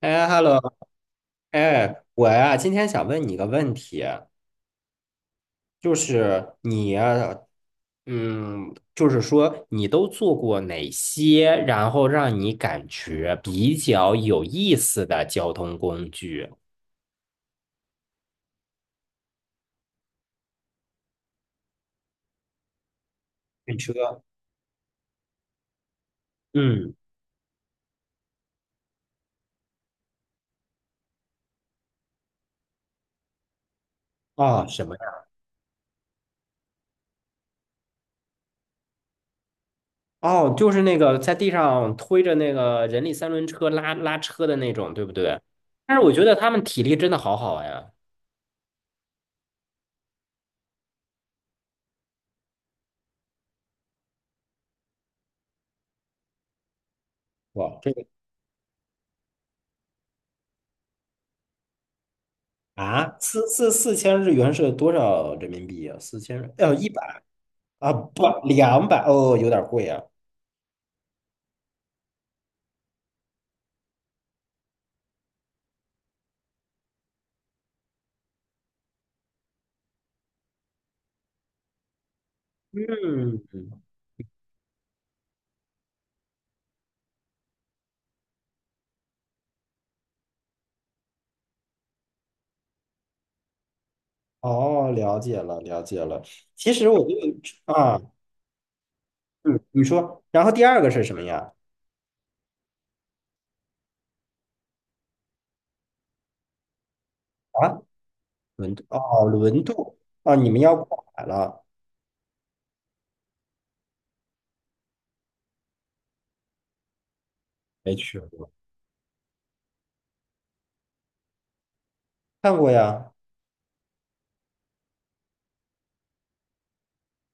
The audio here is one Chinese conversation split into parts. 哎，hello，哎，我呀，今天想问你个问题，就是你呀，就是说你都做过哪些，然后让你感觉比较有意思的交通工具？电车。嗯。哦，什么呀？哦，就是那个在地上推着那个人力三轮车拉车的那种，对不对？但是我觉得他们体力真的好好呀。哇，这个。啊，四千日元是多少人民币呀？四千，100。啊，不，200哦，有点贵啊。嗯。哦，了解了，了解了。其实我你。啊，嗯，你说，然后第二个是什么呀？啊，轮渡哦，轮渡。啊，你们要过海了？没去过。看过呀。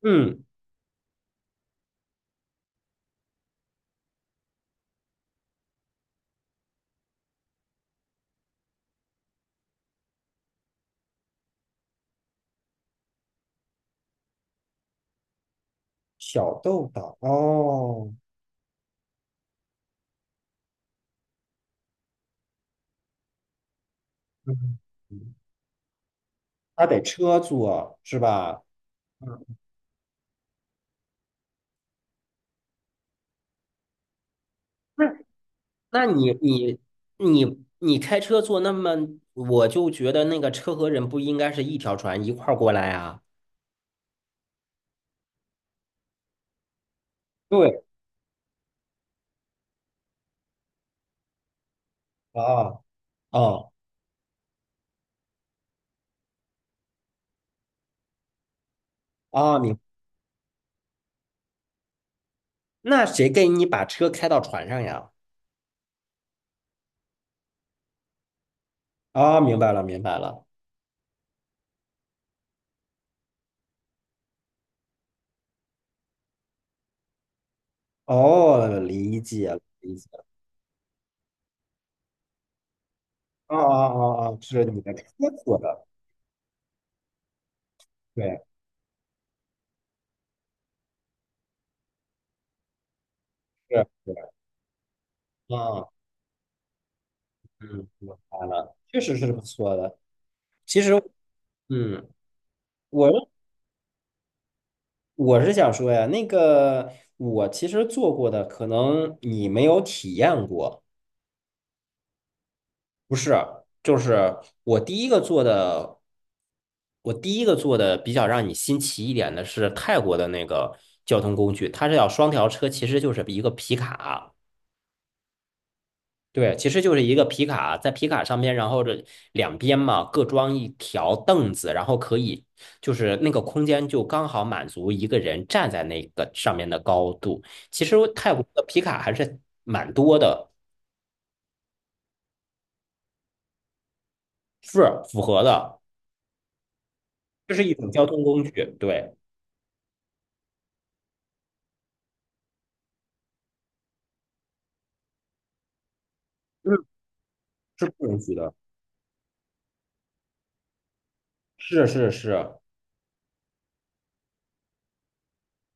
嗯，小豆岛哦。嗯，它得车坐是吧？嗯。那你开车坐那么，我就觉得那个车和人不应该是一条船一块儿过来啊。对，啊哦啊！那谁给你把车开到船上呀？啊，明白了，明白了。哦，理解了，理解了。啊啊啊啊！是你的车做的。对，是是。啊，嗯，明白了，确实是不错的。其实。嗯我认我是想说呀，那个我其实做过的，可能你没有体验过，不是？就是我第一个做的，我第一个做的比较让你新奇一点的是泰国的那个交通工具，它是要双条车，其实就是一个皮卡。对，其实就是一个皮卡，在皮卡上面，然后这两边嘛各装一条凳子，然后可以就是那个空间就刚好满足一个人站在那个上面的高度。其实泰国的皮卡还是蛮多的，是符合的，这是一种交通工具，对，嗯，是不允许的，是是是。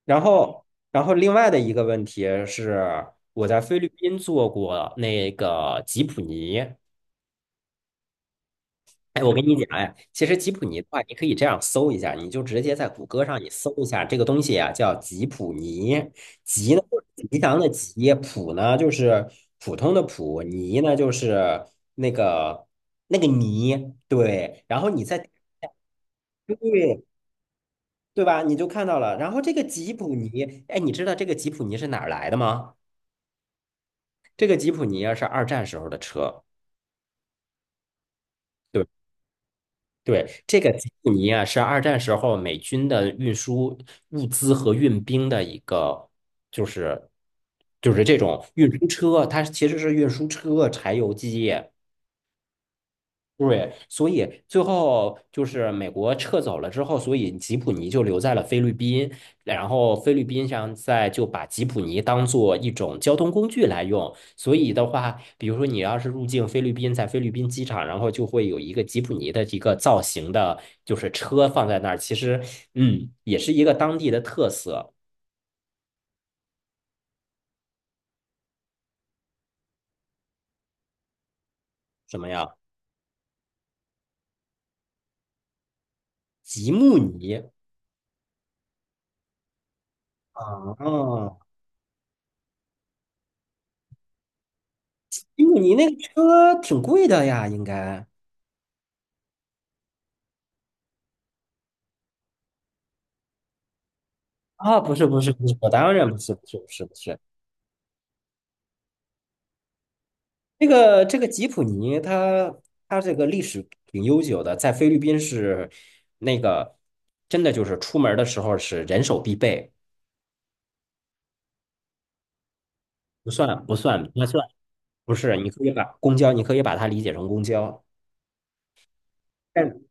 然后，另外的一个问题是，我在菲律宾做过那个吉普尼。哎，我跟你讲，哎，其实吉普尼的话，你可以这样搜一下，你就直接在谷歌上你搜一下这个东西啊，叫吉普尼。吉呢就是吉祥的吉，普呢就是普通的普，尼呢就是那个那个泥，对。然后你再对。对吧，你就看到了。然后这个吉普尼，哎，你知道这个吉普尼是哪儿来的吗？这个吉普尼啊是二战时候的车。对。对，这个吉布尼啊，是二战时候美军的运输物资和运兵的一个，就是就是这种运输车，它其实是运输车、柴油机。对，所以最后就是美国撤走了之后，所以吉普尼就留在了菲律宾，然后菲律宾上在就把吉普尼当做一种交通工具来用。所以的话，比如说你要是入境菲律宾，在菲律宾机场，然后就会有一个吉普尼的一个造型的，就是车放在那儿。其实，也是一个当地的特色。什么呀？吉姆尼啊，吉姆尼那个车挺贵的呀，应该。啊，不是不是不是，我当然不是不是不是不是，这个吉普尼它这个历史挺悠久的，在菲律宾是那个真的就是出门儿的时候是人手必备。不算不算那算。不是，你可以把公交。你可以把它理解成公交，但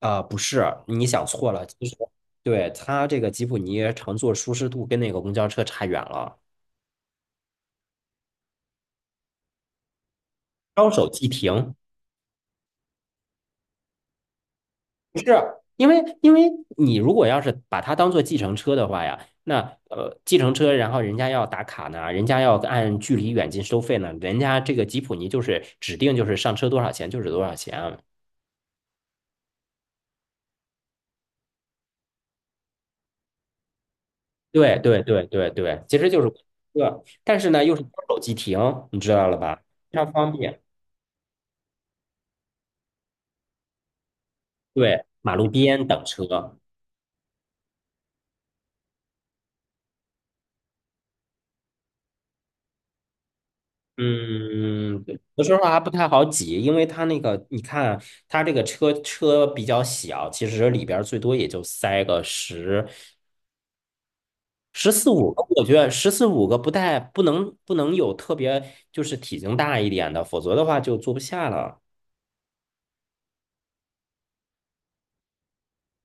不是，你想错了，其实对它这个吉普尼乘坐舒适度跟那个公交车差远了，招手即停。不是，因为因为你如果要是把它当做计程车的话呀，那，计程车，然后人家要打卡呢，人家要按距离远近收费呢，人家这个吉普尼就是指定就是上车多少钱就是多少钱啊。对对对对对，其实就是对，但是呢又是双手机停，你知道了吧？非常方便。对，马路边等车。嗯，对有时候还不太好挤，因为它那个，你看它这个车比较小，其实里边儿最多也就塞个十四五个，我觉得十四五个不带不能有特别就是体型大一点的，否则的话就坐不下了。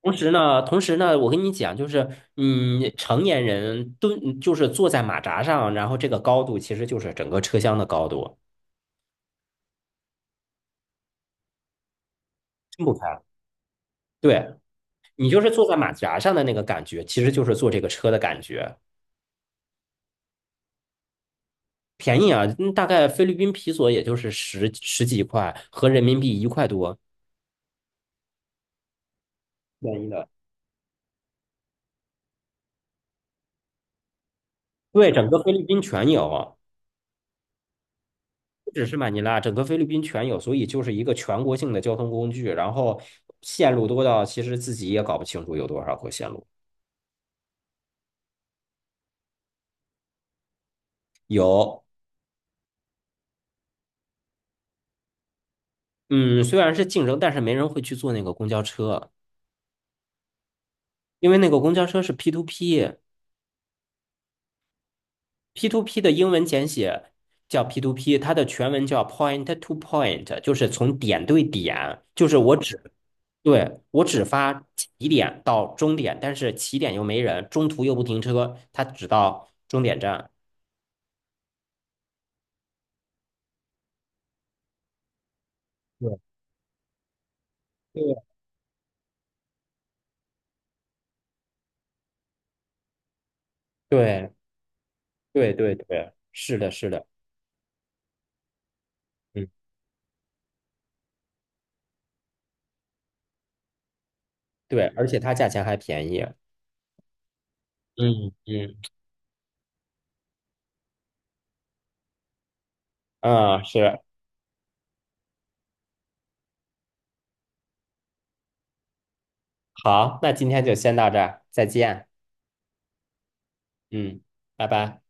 同时呢，我跟你讲，就是成年人蹲就是坐在马扎上，然后这个高度其实就是整个车厢的高度，撑不开。对。你就是坐在马甲上的那个感觉，其实就是坐这个车的感觉，便宜啊，大概菲律宾皮索也就是十几块，合人民币一块多，便宜的。对，整个菲律宾全有，不只是马尼拉，整个菲律宾全有，所以就是一个全国性的交通工具。然后线路多到其实自己也搞不清楚有多少个线路。有。嗯，虽然是竞争，但是没人会去坐那个公交车，因为那个公交车是 P to P。p to p 的英文简写叫 p to p， 它的全文叫 Point to Point，就是从点对点，就是我只，对，我只发起点到终点，但是起点又没人，中途又不停车，它只到终点站。对对对对对对，是的，是的，嗯，对，而且它价钱还便宜。嗯嗯嗯，是，好，那今天就先到这儿，再见。嗯，拜拜。